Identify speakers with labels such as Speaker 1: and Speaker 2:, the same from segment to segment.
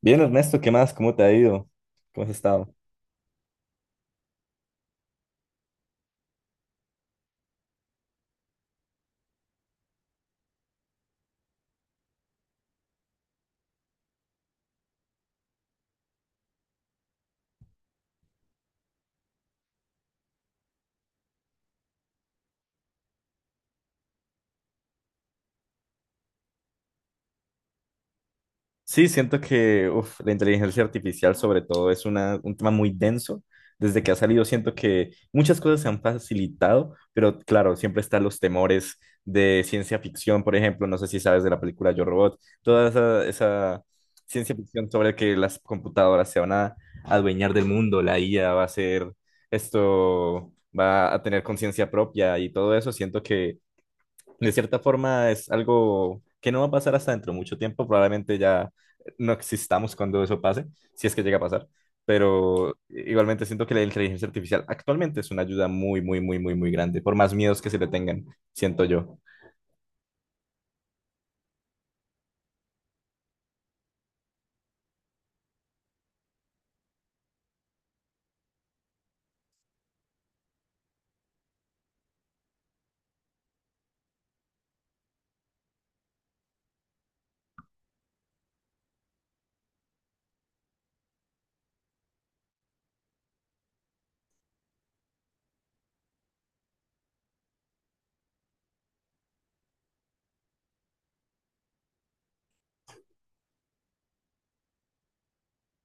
Speaker 1: Bien, Ernesto, ¿qué más? ¿Cómo te ha ido? ¿Cómo has estado? Sí, siento que la inteligencia artificial sobre todo es un tema muy denso. Desde que ha salido siento que muchas cosas se han facilitado, pero claro, siempre están los temores de ciencia ficción, por ejemplo, no sé si sabes de la película Yo Robot, toda esa ciencia ficción sobre que las computadoras se van a adueñar del mundo, la IA va a ser esto, va a tener conciencia propia y todo eso. Siento que de cierta forma es algo que no va a pasar hasta dentro de mucho tiempo, probablemente ya no existamos cuando eso pase, si es que llega a pasar, pero igualmente siento que la inteligencia artificial actualmente es una ayuda muy, muy, muy, muy, muy grande, por más miedos que se le tengan, siento yo.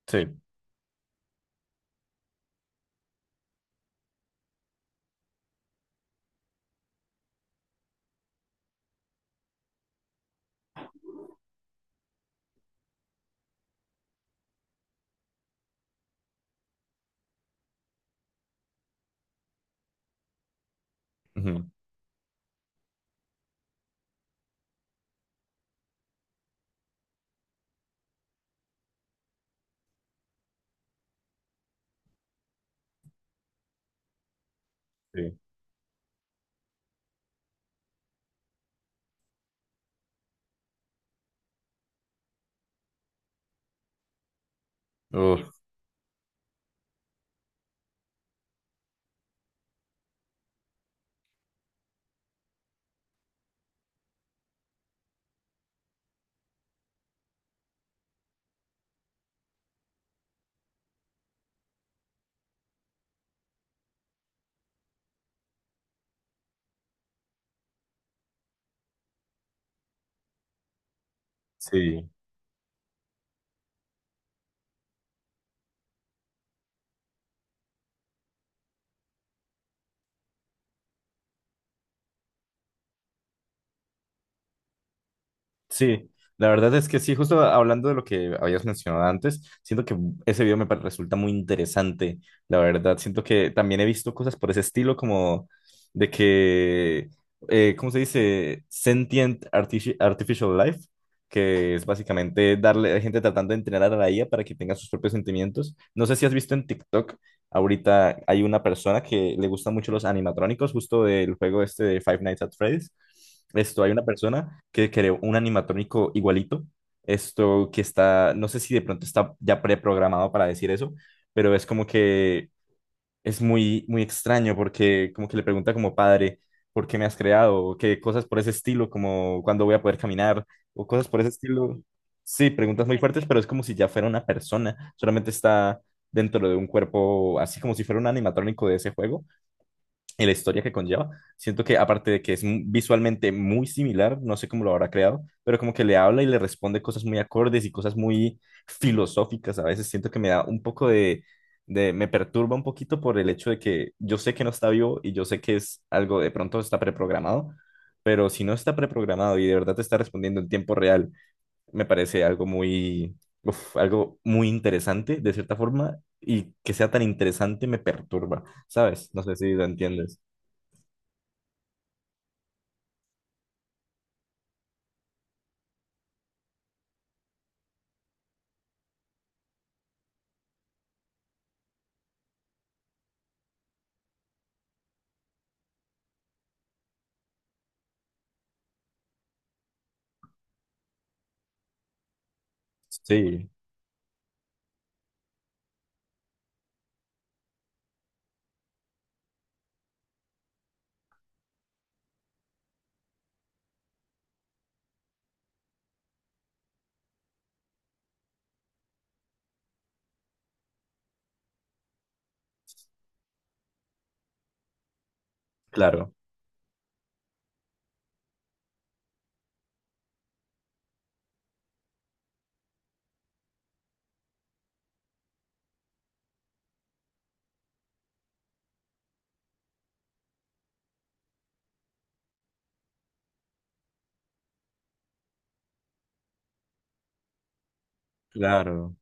Speaker 1: Sí. Ujú. Sí. Uf, sí. Sí, la verdad es que sí, justo hablando de lo que habías mencionado antes, siento que ese video me pa- resulta muy interesante, la verdad. Siento que también he visto cosas por ese estilo, como de que, ¿cómo se dice? Artificial Life, que es básicamente darle a gente tratando de entrenar a la IA para que tenga sus propios sentimientos. No sé si has visto en TikTok. Ahorita hay una persona que le gustan mucho los animatrónicos, justo del juego este de Five Nights at Freddy's. Hay una persona que creó un animatrónico igualito. Esto que está, no sé si de pronto está ya preprogramado para decir eso, pero es como que es muy, muy extraño porque como que le pregunta como padre: ¿por qué me has creado? O qué cosas por ese estilo, como cuándo voy a poder caminar, o cosas por ese estilo. Sí, preguntas muy fuertes, pero es como si ya fuera una persona, solamente está dentro de un cuerpo, así como si fuera un animatrónico de ese juego, en la historia que conlleva. Siento que aparte de que es visualmente muy similar, no sé cómo lo habrá creado, pero como que le habla y le responde cosas muy acordes y cosas muy filosóficas. A veces siento que me da un poco me perturba un poquito por el hecho de que yo sé que no está vivo y yo sé que es algo de pronto está preprogramado, pero si no está preprogramado y de verdad te está respondiendo en tiempo real, me parece algo algo muy interesante de cierta forma. Y que sea tan interesante me perturba, ¿sabes? No sé si lo entiendes. Sí, claro, claro,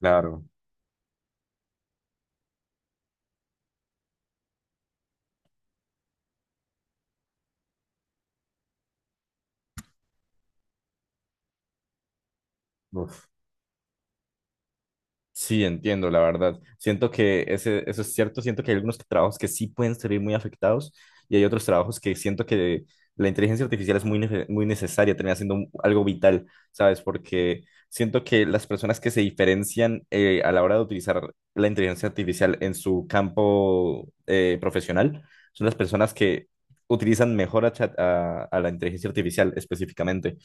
Speaker 1: claro. Uf. Sí, entiendo, la verdad. Siento que eso es cierto. Siento que hay algunos trabajos que sí pueden salir muy afectados y hay otros trabajos que siento que la inteligencia artificial es muy necesaria, termina siendo algo vital, ¿sabes? Porque siento que las personas que se diferencian a la hora de utilizar la inteligencia artificial en su campo profesional son las personas que utilizan mejor a, chat- a la inteligencia artificial específicamente.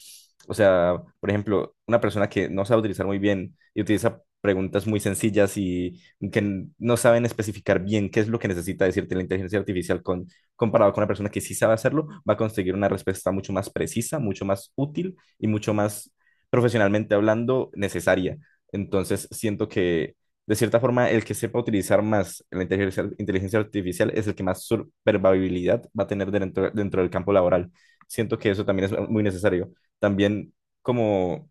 Speaker 1: O sea, por ejemplo, una persona que no sabe utilizar muy bien y utiliza preguntas muy sencillas y que no saben especificar bien qué es lo que necesita decirte la inteligencia artificial comparado con una persona que sí sabe hacerlo, va a conseguir una respuesta mucho más precisa, mucho más útil y mucho más profesionalmente hablando necesaria. Entonces, siento que de cierta forma el que sepa utilizar más inteligencia artificial es el que más supervivibilidad va a tener dentro del campo laboral. Siento que eso también es muy necesario. También como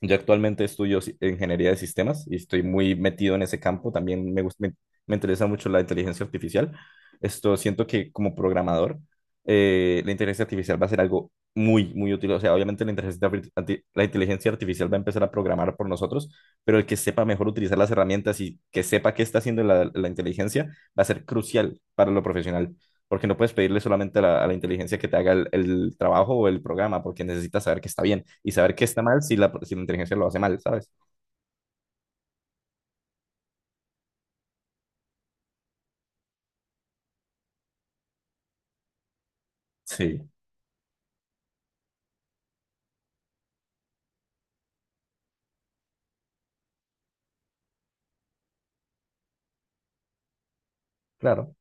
Speaker 1: yo actualmente estudio si- ingeniería de sistemas y estoy muy metido en ese campo. También me interesa mucho la inteligencia artificial. Esto siento que como programador, la inteligencia artificial va a ser algo muy, muy útil. O sea, obviamente la inteligencia artificial va a empezar a programar por nosotros, pero el que sepa mejor utilizar las herramientas y que sepa qué está haciendo la inteligencia va a ser crucial para lo profesional, porque no puedes pedirle solamente a a la inteligencia que te haga el trabajo o el programa, porque necesitas saber que está bien y saber que está mal si si la inteligencia lo hace mal, ¿sabes? Sí. Claro.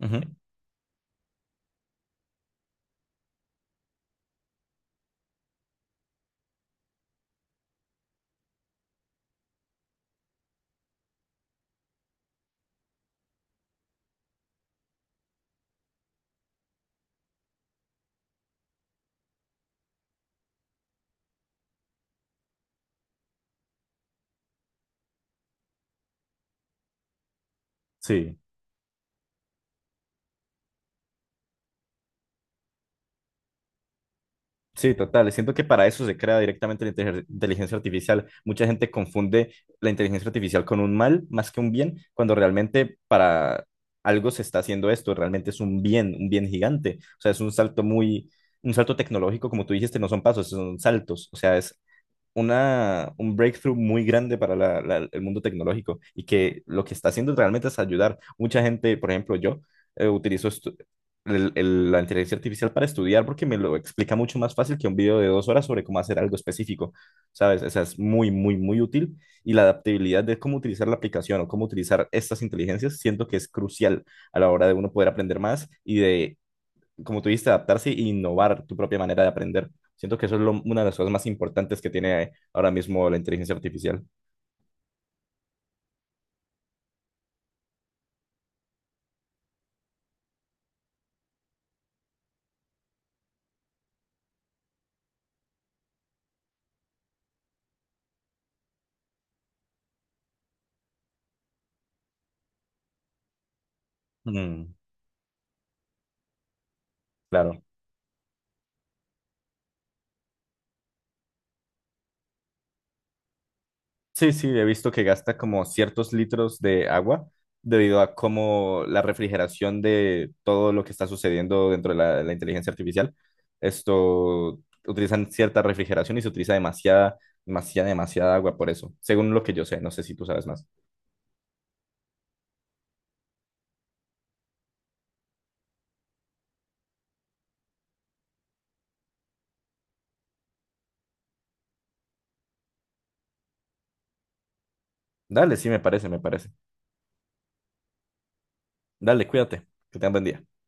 Speaker 1: Ujú. Sí. Sí, total. Siento que para eso se crea directamente la inteligencia artificial. Mucha gente confunde la inteligencia artificial con un mal más que un bien, cuando realmente para algo se está haciendo esto, realmente es un bien gigante. O sea, es un un salto tecnológico, como tú dijiste, no son pasos, son saltos. O sea, es un breakthrough muy grande para el mundo tecnológico y que lo que está haciendo realmente es ayudar. Mucha gente, por ejemplo, yo utilizo estu- el- la inteligencia artificial para estudiar porque me lo explica mucho más fácil que un video de 2 horas sobre cómo hacer algo específico, ¿sabes? O sea, es muy, muy, muy útil y la adaptabilidad de cómo utilizar la aplicación o cómo utilizar estas inteligencias siento que es crucial a la hora de uno poder aprender más y de, como tú dijiste, adaptarse e innovar tu propia manera de aprender. Siento que eso es una de las cosas más importantes que tiene ahora mismo la inteligencia artificial. Mm, claro. Sí, sí, he visto que gasta como ciertos litros de agua debido a cómo la refrigeración de todo lo que está sucediendo dentro de la inteligencia artificial. Esto utilizan cierta refrigeración y se utiliza demasiada, demasiada, demasiada agua por eso, según lo que yo sé. No sé si tú sabes más. Dale, sí, me parece, me parece. Dale, cuídate, que tengas buen día.